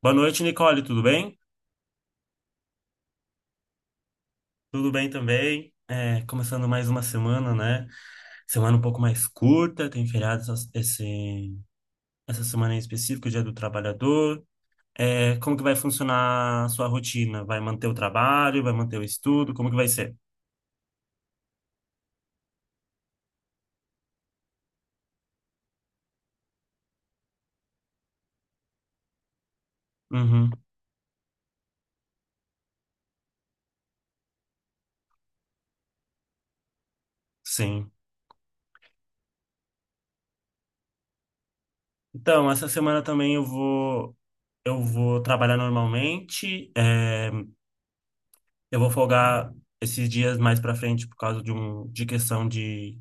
Boa noite, Nicole, tudo bem? Tudo bem também. Começando mais uma semana, né? Semana um pouco mais curta, tem feriado essa semana em específico, Dia do Trabalhador. É, como que vai funcionar a sua rotina? Vai manter o trabalho, vai manter o estudo? Como que vai ser? Uhum, sim. Então, essa semana também eu vou trabalhar normalmente. É, eu vou folgar esses dias mais para frente por causa de questão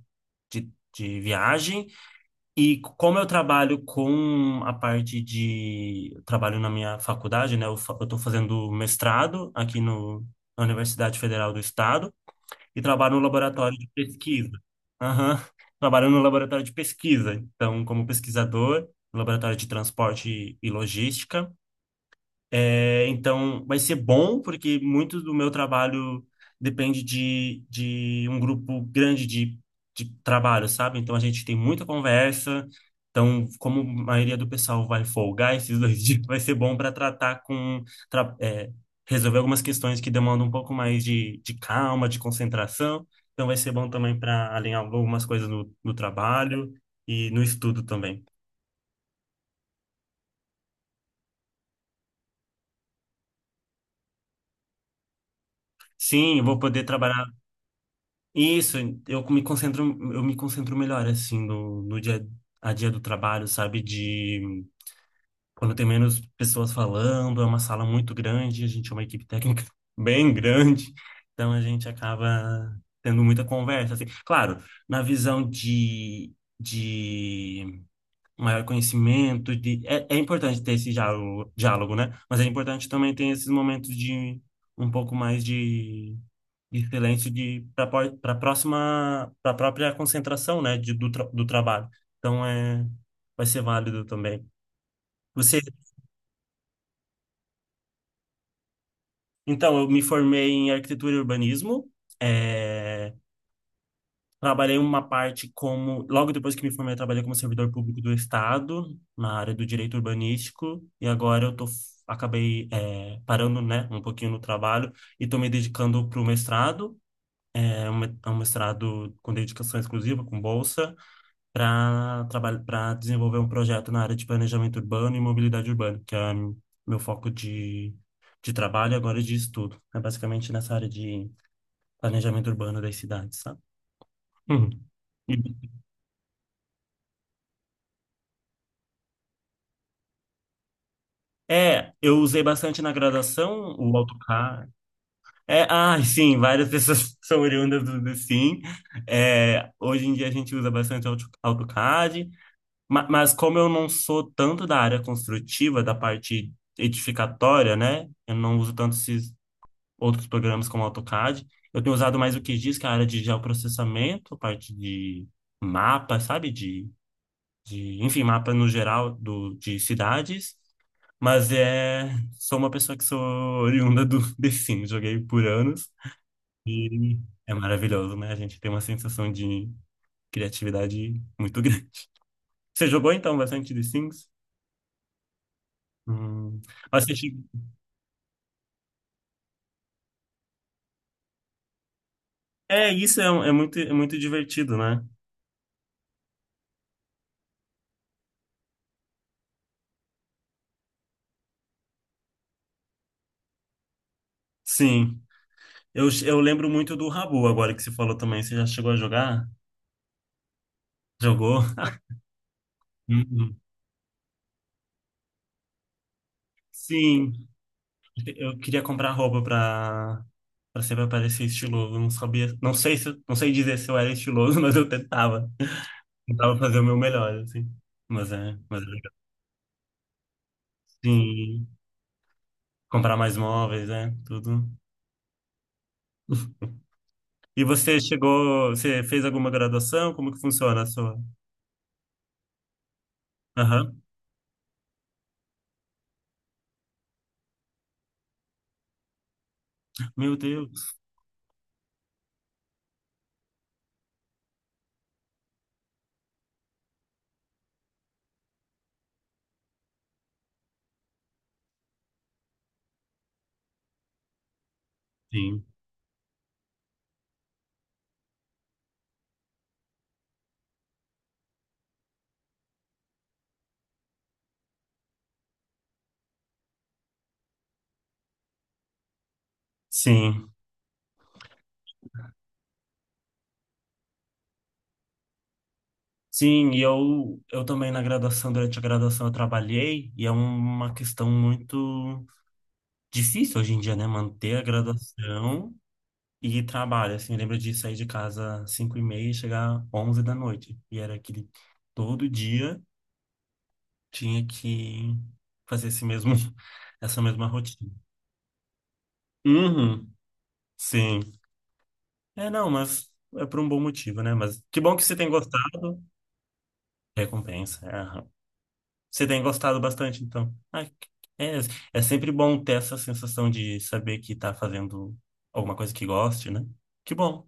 de de viagem. E como eu trabalho com a parte de. Eu trabalho na minha faculdade, né? Eu estou fazendo mestrado aqui no, na Universidade Federal do Estado e trabalho no laboratório de pesquisa. Aham. Trabalho no laboratório de pesquisa. Então, como pesquisador, no laboratório de transporte e logística. É, então, vai ser bom, porque muito do meu trabalho depende de um grupo grande de trabalho, sabe? Então, a gente tem muita conversa. Então, como a maioria do pessoal vai folgar esses dois dias, vai ser bom para tratar com, tra- é, resolver algumas questões que demandam um pouco mais de calma, de concentração. Então, vai ser bom também para alinhar algumas coisas no trabalho e no estudo também. Sim, eu vou poder trabalhar. Isso, eu me concentro, eu me concentro melhor, assim, no dia a dia do trabalho, sabe? De quando tem menos pessoas falando, é uma sala muito grande, a gente é uma equipe técnica bem grande, então a gente acaba tendo muita conversa, assim. Claro, na visão de maior conhecimento é importante ter esse diálogo, né? Mas é importante também ter esses momentos de um pouco mais de silêncio de para para próxima para própria concentração, né, do trabalho. Então é Vai ser válido também. Você Então eu me formei em arquitetura e urbanismo. É, trabalhei uma parte como, logo depois que me formei, eu trabalhei como servidor público do Estado, na área do direito urbanístico, e agora eu tô, acabei parando, né, um pouquinho no trabalho e tô me dedicando para o mestrado, é um mestrado com dedicação exclusiva, com bolsa, para trabalhar, para desenvolver um projeto na área de planejamento urbano e mobilidade urbana, que é meu foco de trabalho e agora de estudo. É basicamente nessa área de planejamento urbano das cidades, sabe? Uhum. É, eu usei bastante na graduação o AutoCAD. É, ah, sim, várias pessoas são oriundas do Sim. É, hoje em dia a gente usa bastante AutoCAD, mas como eu não sou tanto da área construtiva, da parte edificatória, né? Eu não uso tanto esses outros programas como AutoCAD. Eu tenho usado mais o que diz que é a área de geoprocessamento, parte de mapa, sabe? De, enfim, mapa no geral de cidades. Mas é, Sou uma pessoa que sou oriunda do The Sims, joguei por anos e é maravilhoso, né? A gente tem uma sensação de criatividade muito grande. Você jogou então bastante The Sims? Hum. Mas você che- É, isso é é muito divertido, né? Sim. Eu lembro muito do Rabu agora que você falou também. Você já chegou a jogar? Jogou? Uhum. Sim. Eu queria comprar pra sempre parecer estiloso. Não sabia, não sei dizer se eu era estiloso, mas eu tentava. Tentava fazer o meu melhor, assim. Mas é legal. Sim, comprar mais móveis, né? Tudo. E você chegou, você fez alguma graduação? Como que funciona a sua? Aham. Meu Deus. Sim. Sim. Sim, e eu também na graduação, durante a graduação eu trabalhei, e é uma questão muito difícil hoje em dia, né? Manter a graduação e trabalho, assim, eu lembro de sair de casa às 5 e meia e chegar às 11 da noite. E era aquele... Todo dia tinha que fazer esse mesmo... essa mesma rotina. Uhum, sim. É, não, Mas é por um bom motivo, né? Mas que bom que você tem gostado. Recompensa. É, aham. Você tem gostado bastante, então. É, é sempre bom ter essa sensação de saber que tá fazendo alguma coisa que goste, né? Que bom.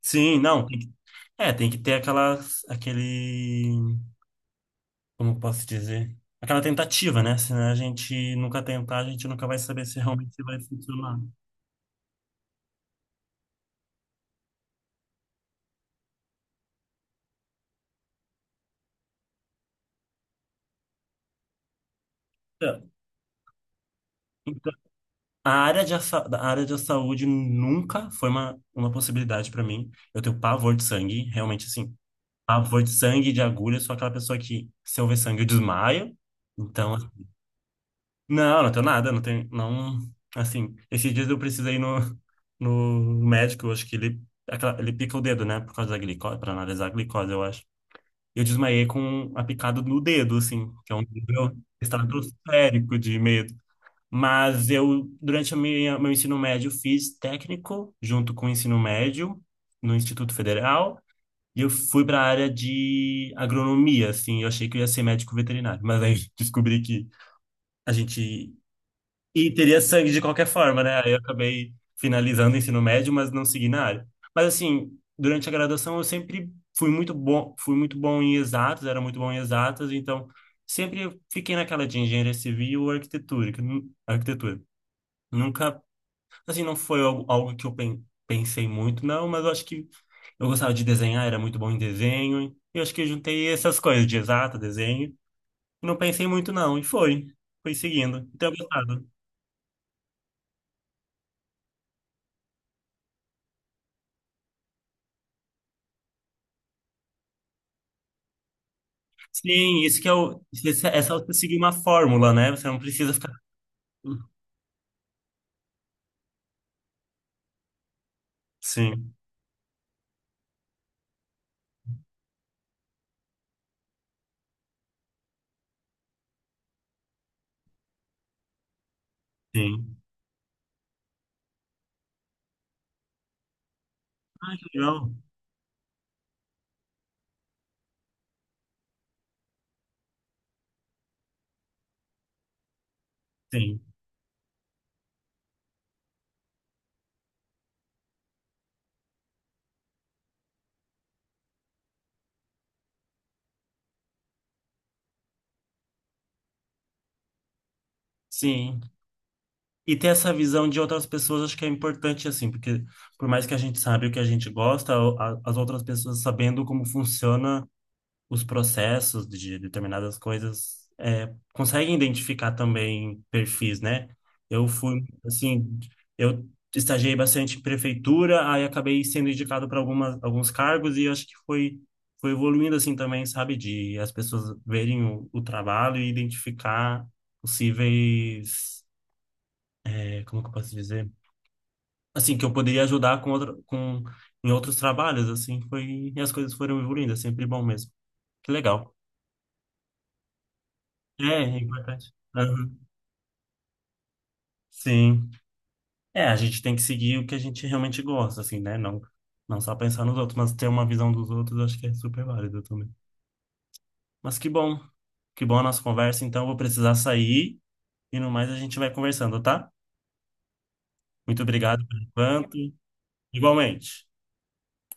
Sim, não. tem que- É, tem que ter aquele, como eu posso dizer? Aquela tentativa, né? Se a gente nunca tentar, a gente nunca vai saber se realmente vai funcionar. Então, então, a área de, a área de saúde nunca foi uma possibilidade para mim. Eu tenho pavor de sangue, realmente assim. Pavor de sangue, de agulha, eu sou aquela pessoa que, se eu ver sangue, eu desmaio. Então, assim, não tenho nada, não tenho, não, assim, esses dias eu precisei ir no médico, eu acho que ele pica o dedo, né, por causa da glicose, para analisar a glicose, eu acho. Eu desmaiei com a picada no dedo, assim, que é um nível estratosférico de medo. Mas eu, durante a meu ensino médio, fiz técnico junto com o ensino médio no Instituto Federal. E eu fui para a área de agronomia, assim. Eu achei que eu ia ser médico veterinário, mas aí descobri que a gente e teria sangue de qualquer forma, né? Aí eu acabei finalizando o ensino médio, mas não segui na área. Mas assim, durante a graduação eu sempre fui muito bom em exatas, era muito bom em exatas, então sempre eu fiquei naquela de engenharia civil ou arquitetura, arquitetura. Nunca, assim, não foi algo que eu pensei muito, não, mas eu acho que eu gostava de desenhar, era muito bom em desenho. E eu acho que eu juntei essas coisas de exata, desenho, não pensei muito não, foi seguindo. E tenho gostado. Sim, isso que é o. essa É você seguir uma fórmula, né? Você não precisa ficar. Sim, sim. Ah, que legal. Sim, sim. E ter essa visão de outras pessoas acho que é importante, assim, porque por mais que a gente saiba o que a gente gosta, as outras pessoas sabendo como funciona os processos de determinadas coisas, conseguem identificar também perfis, né? Eu fui, assim, eu estagiei bastante em prefeitura, aí acabei sendo indicado para algumas alguns cargos e acho que foi evoluindo assim também, sabe, de as pessoas verem o trabalho e identificar possíveis, é, como que eu posso dizer? Assim, que eu poderia ajudar com em outros trabalhos, assim, foi, e as coisas foram evoluindo, é sempre bom mesmo. Que legal. É, é importante. Aham, sim. É, a gente tem que seguir o que a gente realmente gosta, assim, né? Não, não só pensar nos outros, mas ter uma visão dos outros, eu acho que é super válido também. Mas que bom. Que bom a nossa conversa, então eu vou precisar sair e no mais a gente vai conversando, tá? Muito obrigado por enquanto. Igualmente.